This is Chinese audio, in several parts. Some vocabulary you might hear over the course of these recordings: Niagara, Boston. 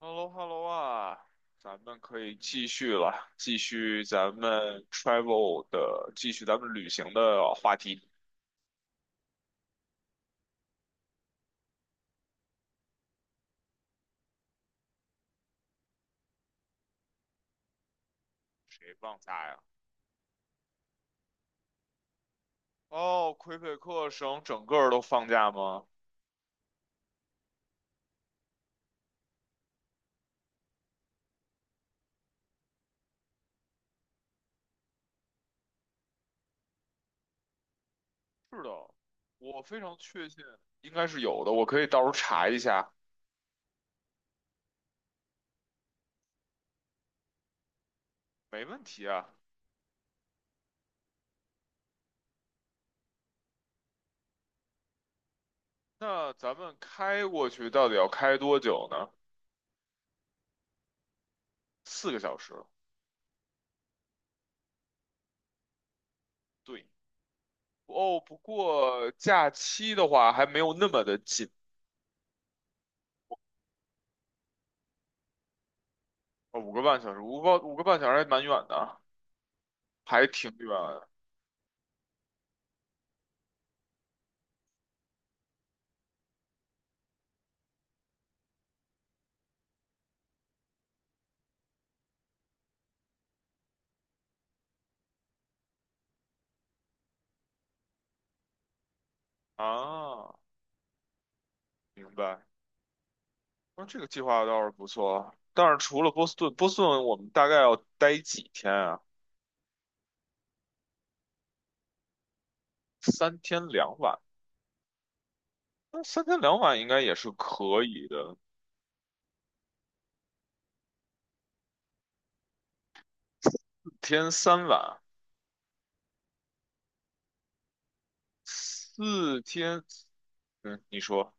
h e l l o h e l l o 啊，咱们可以继续了，继续咱们 travel 的，继续咱们旅行的话题。谁放假呀？哦，魁北克省整个儿都放假吗？是的，我非常确信应该是有的，我可以到时候查一下，没问题啊。那咱们开过去到底要开多久呢？4个小时。对，哦，不过假期的话还没有那么的紧，哦，五个半小时，五个半小时还蛮远的。还挺远啊，明白。那这个计划倒是不错，但是除了波士顿，波士顿我们大概要待几天啊？三天两晚，那三天两晚应该也是可以的。4天3晚，四天，嗯，你说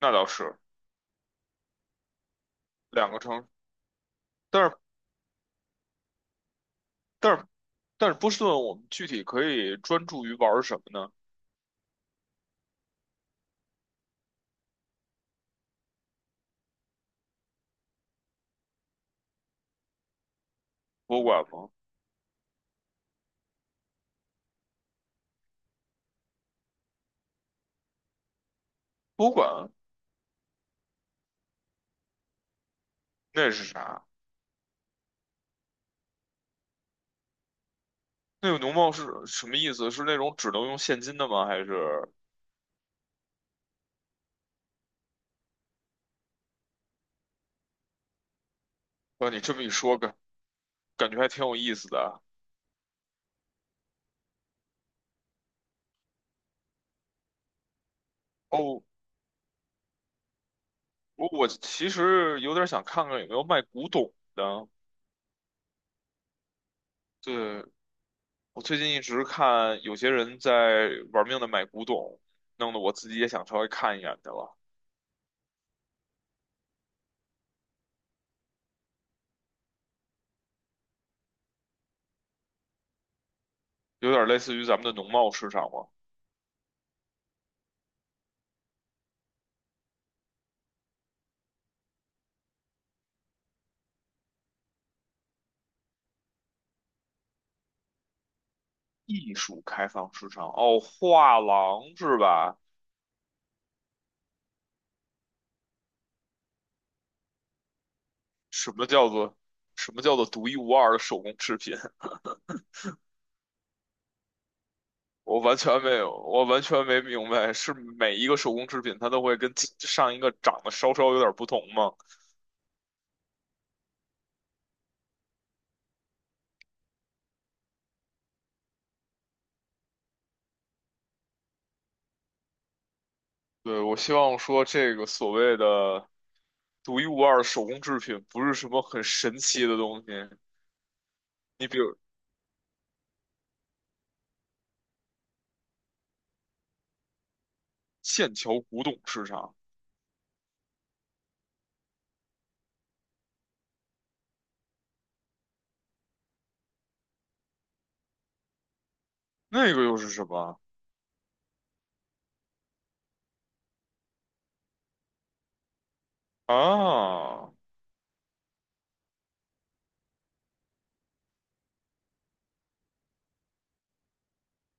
那倒是两个城，但是但是但是波士顿我们具体可以专注于玩儿什么呢？博物馆吗？博物馆那是啥？那个农贸是什么意思？是那种只能用现金的吗？还是？哇，你这么一说，感觉还挺有意思的啊。哦，我其实有点想看看有没有卖古董的。对，我最近一直看有些人在玩命的买古董，弄得我自己也想稍微看一眼去了。有点类似于咱们的农贸市场嘛，艺术开放市场。哦，画廊是吧？什么叫做什么叫做独一无二的手工制品？我完全没有，我完全没明白，是每一个手工制品它都会跟其上一个长得稍稍有点不同吗？对，我希望说这个所谓的独一无二的手工制品不是什么很神奇的东西。你比如剑桥古董市场，那个又是什么啊？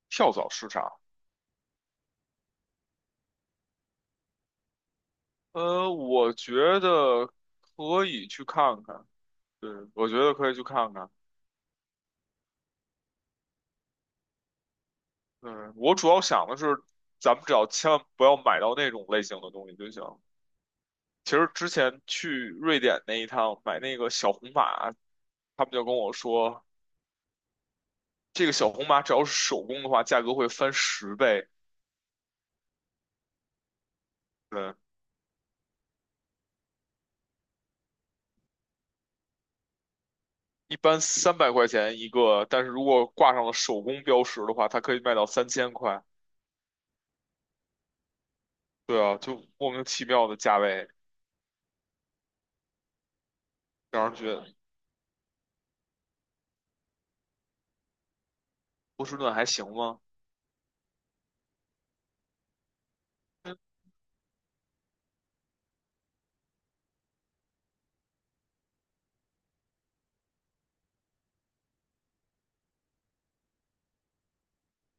跳蚤市场。我觉得可以去看看。对，我觉得可以去看看。嗯，我主要想的是，咱们只要千万不要买到那种类型的东西就行。其实之前去瑞典那一趟买那个小红马，他们就跟我说，这个小红马只要是手工的话，价格会翻10倍。对，一般300块钱一个，但是如果挂上了手工标识的话，它可以卖到3000块。对啊，就莫名其妙的价位，让人觉得波士顿还行吗？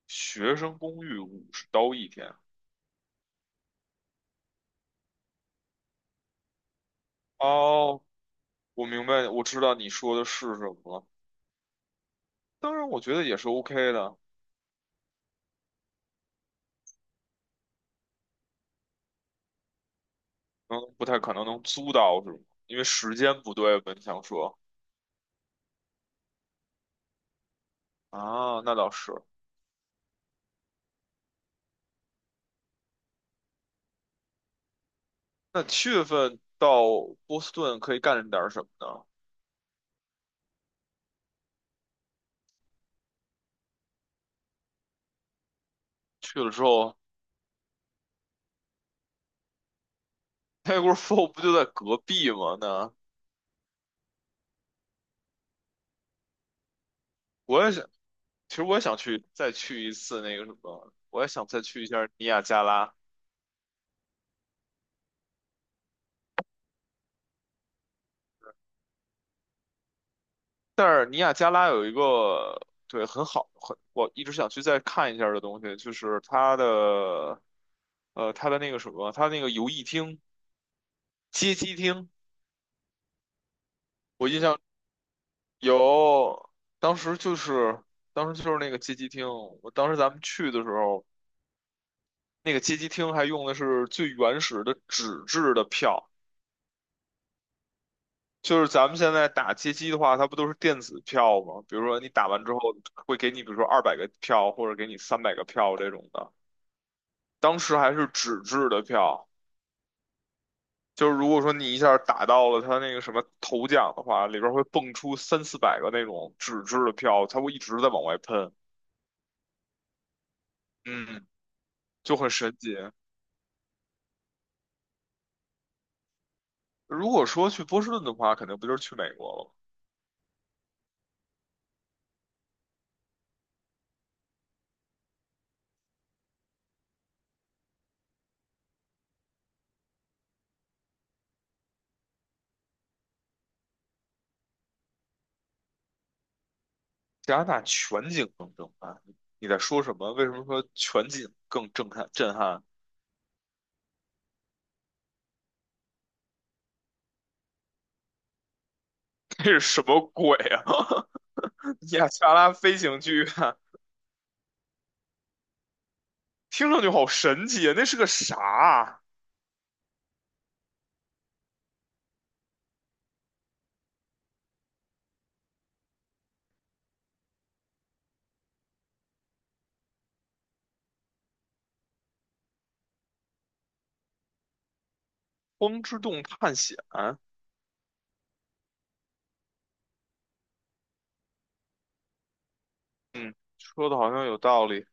学生公寓50刀一天。哦，我明白，我知道你说的是什么了。当然，我觉得也是 OK 的，嗯，不太可能能租到是吗？因为时间不对吧？你想说啊，那倒是。那七月份到波士顿可以干点什么呢？去了之后，Niagara 不就在隔壁吗？那我也想，其实我也想去再去一次那个什么，我也想再去一下尼亚加拉。但是尼亚加拉有一个对很好很我一直想去再看一下的东西，就是它的那个什么，它那个游艺厅、街机厅，我印象有，当时就是当时就是那个街机厅，我当时咱们去的时候，那个街机厅还用的是最原始的纸质的票。就是咱们现在打街机的话，它不都是电子票吗？比如说你打完之后会给你，比如说200个票，或者给你300个票这种的。当时还是纸质的票，就是如果说你一下打到了他那个什么头奖的话，里边会蹦出三四百个那种纸质的票，他会一直在往外喷，嗯，就很神奇。如果说去波士顿的话，肯定不就是去美国了吗？加拿大全景更震撼，你在说什么？为什么说全景更震撼？震撼？这是什么鬼啊？亚特拉飞行剧院，听上去好神奇啊！那是个啥啊？光之洞探险？嗯，说的好像有道理。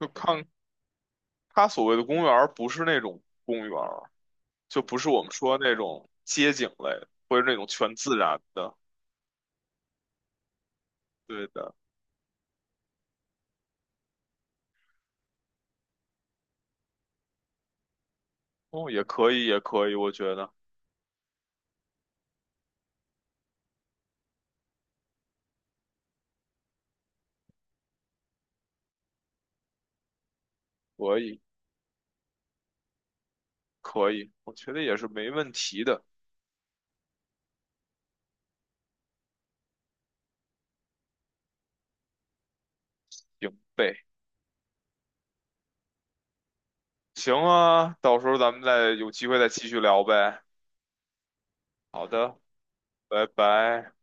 就看他所谓的公园儿，不是那种公园儿，就不是我们说那种街景类，或者那种全自然的。对的，哦，也可以，也可以，我觉得可以，可以，我觉得也是没问题的。行呗，行啊，到时候咱们再有机会再继续聊呗。好的，拜拜。